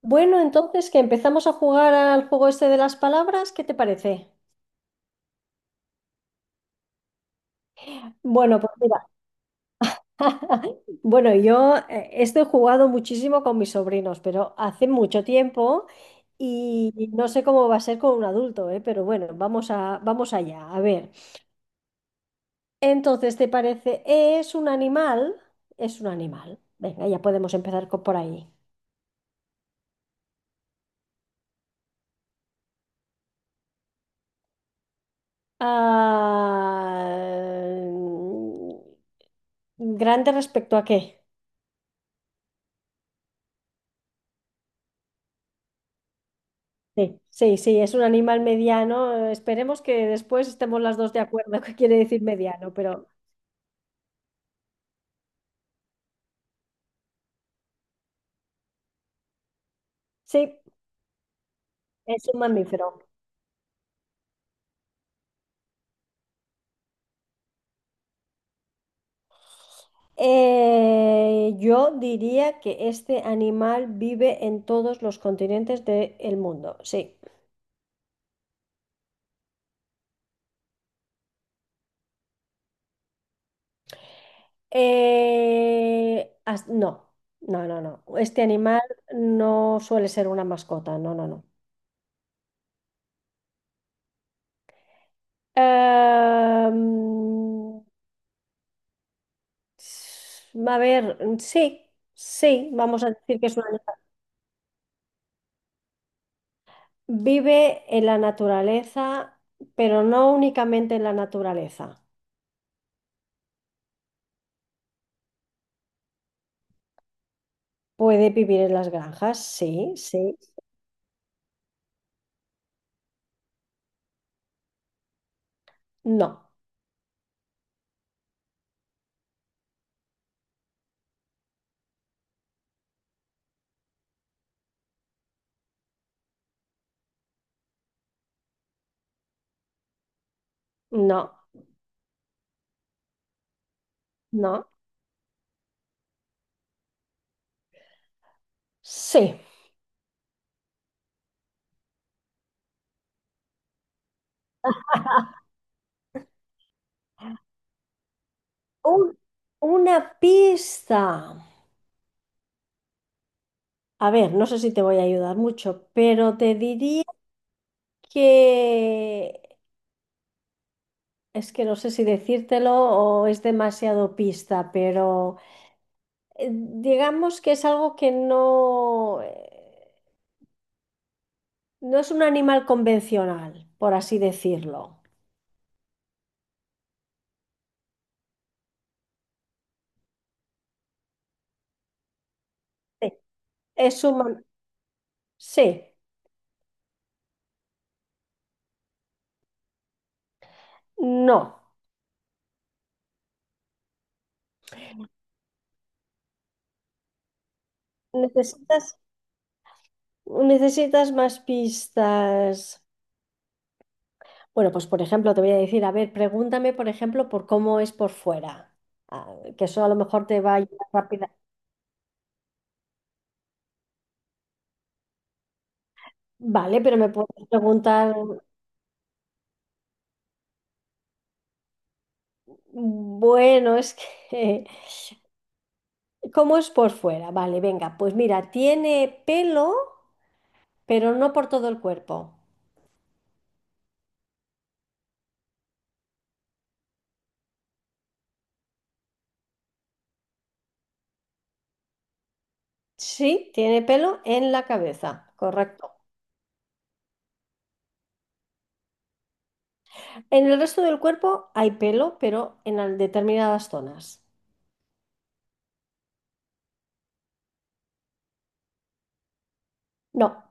Bueno, entonces que empezamos a jugar al juego este de las palabras, ¿qué te parece? Bueno, pues mira, bueno, yo esto he jugado muchísimo con mis sobrinos, pero hace mucho tiempo y no sé cómo va a ser con un adulto, ¿eh? Pero bueno, vamos allá, a ver. Entonces, ¿te parece? ¿Es un animal? Es un animal. Venga, ya podemos empezar por ahí. Ah, mm, ¿Grande respecto a qué? Sí, sí, sí, es un animal mediano. Esperemos que después estemos las dos de acuerdo qué quiere decir mediano, pero sí, es un mamífero. Yo diría que este animal vive en todos los continentes del mundo, sí. No, no, no, no. Este animal no suele ser una mascota, no, no, no. Em, a ver, sí, sí, vamos a decir que es un animal. Vive en la naturaleza, pero no únicamente en la naturaleza. Puede vivir en las granjas, sí, sí. No, no, no, sí. Un- una pista. A ver, no sé si te voy a ayudar mucho, pero te diría que es que no sé si decírtelo o es demasiado pista, pero digamos que es algo que no es un animal convencional, por así decirlo. Sí, es humano. Sí, no. Necesitas, necesitas más pistas. Bueno, pues por ejemplo, te voy a decir, a ver, pregúntame, por ejemplo, por cómo es por fuera. Ah, que eso a lo mejor te va a ayudar rápida. Vale, pero me puedes preguntar, bueno, es que, ¿cómo es por fuera? Vale, venga, pues mira, tiene pelo, pero no por todo el cuerpo. Sí, tiene pelo en la cabeza, correcto. En el resto del cuerpo hay pelo, pero en determinadas zonas. No,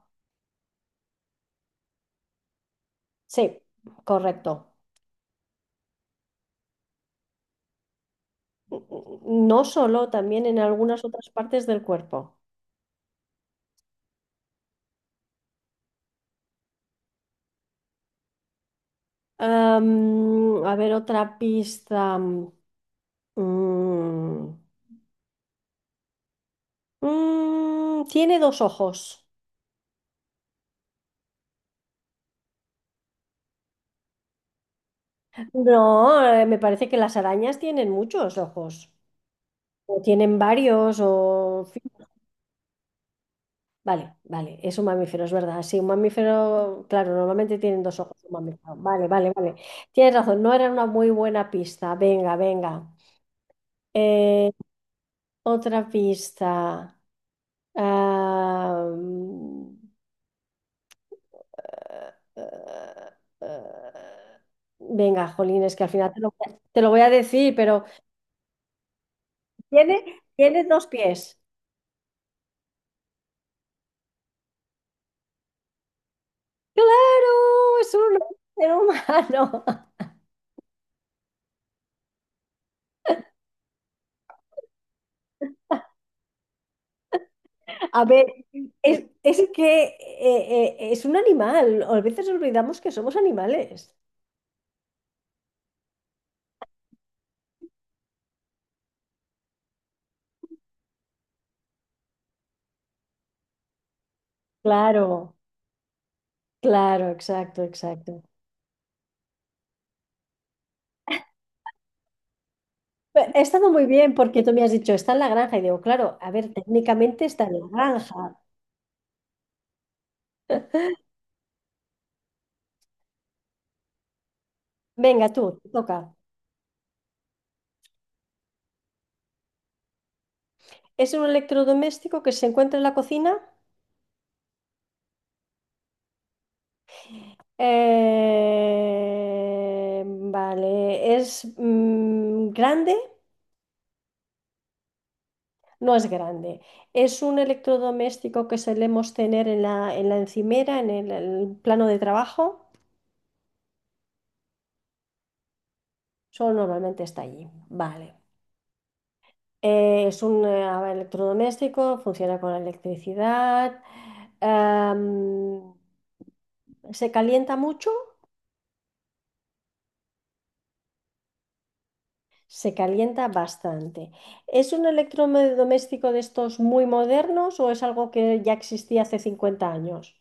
sí, correcto. No solo, también en algunas otras partes del cuerpo. A ver, otra pista. Tiene dos ojos. No, me parece que las arañas tienen muchos ojos. O tienen varios, o... Vale, vale, es un mamífero, es verdad. Sí, un mamífero, claro, normalmente tienen dos ojos, un mamífero. Vale, vale, vale. Tienes razón, no era una muy buena pista. Venga, venga. Eh, otra pista. Ah, mm, eh, eh, eh, venga, jolines, que al final te lo voy a decir, pero tiene, tiene dos pies. Claro, es un ser humano. A ver. Es que es un animal, a veces olvidamos que somos animales. Claro, claro, exacto, exacto. Ha estado muy bien porque tú me has dicho, está en la granja. Y digo, claro, a ver, técnicamente está en la granja. Venga, tú, te toca. Es un electrodoméstico que se encuentra en la cocina. Vale, es grande. No es grande. Es un electrodoméstico que solemos tener en en la encimera, en el plano de trabajo. Solo normalmente está allí. Vale. Es un electrodoméstico, funciona con electricidad. Am, se calienta mucho, se calienta bastante. ¿Es un electrodoméstico de estos muy modernos o es algo que ya existía hace 50 años?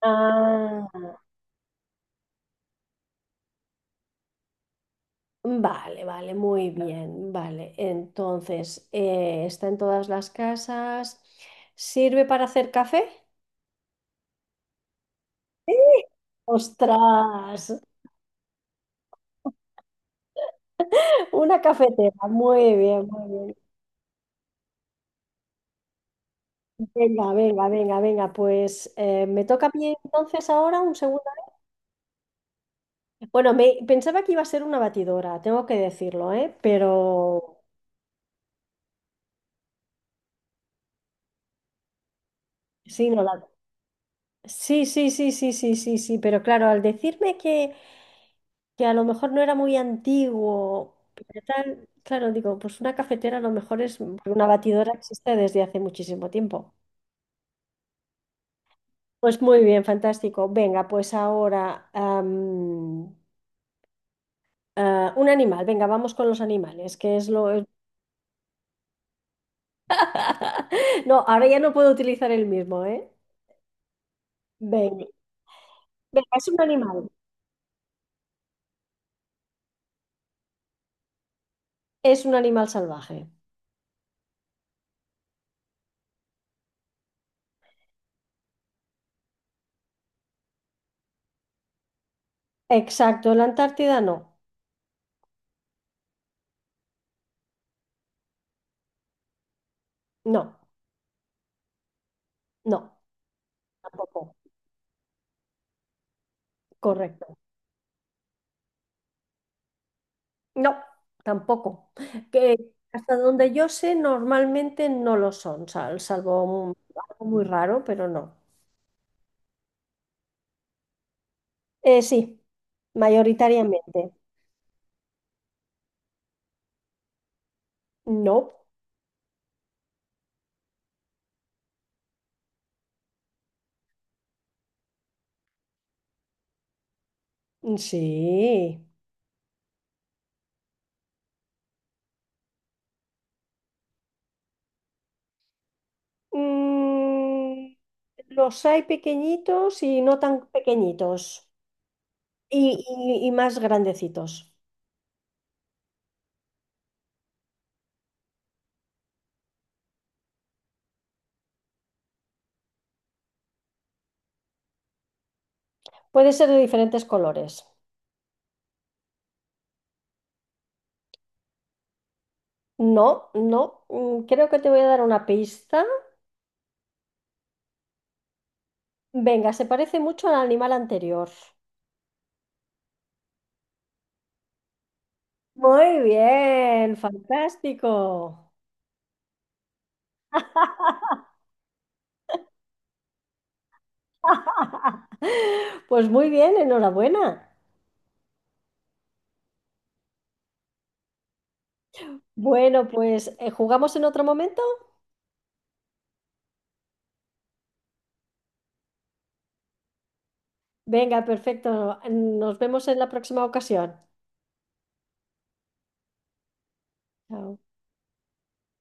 Ah, vale, vale, muy bien, vale. Entonces, está en todas las casas. ¿Sirve para hacer café? Sí. ¡Ostras! Una cafetera, muy bien, muy bien. Venga, venga, venga, venga, pues me toca a mí entonces ahora un segundo. Bueno, pensaba que iba a ser una batidora, tengo que decirlo, ¿eh? Pero sí, no la... Sí, sí, sí, sí, sí, sí, sí, pero claro, al decirme que a lo mejor no era muy antiguo, pero tal, claro, digo, pues una cafetera a lo mejor es, una batidora existe desde hace muchísimo tiempo. Pues muy bien, fantástico. Venga, pues ahora un animal, venga, vamos con los animales, que es lo... No, ahora ya no puedo utilizar el mismo, ¿eh? Venga, venga, es un animal salvaje. Exacto, la Antártida no, no, no, tampoco, correcto. No, tampoco. Que hasta donde yo sé, normalmente no lo son, salvo algo muy raro, pero no. Sí, mayoritariamente. No, sí. Mm, los hay pequeñitos y no tan pequeñitos. Y, y más grandecitos. Puede ser de diferentes colores. No, no. Creo que te voy a dar una pista. Venga, se parece mucho al animal anterior. Muy bien, fantástico. Pues muy bien, enhorabuena. Bueno, pues ¿jugamos en otro momento? Venga, perfecto. Nos vemos en la próxima ocasión. Chao.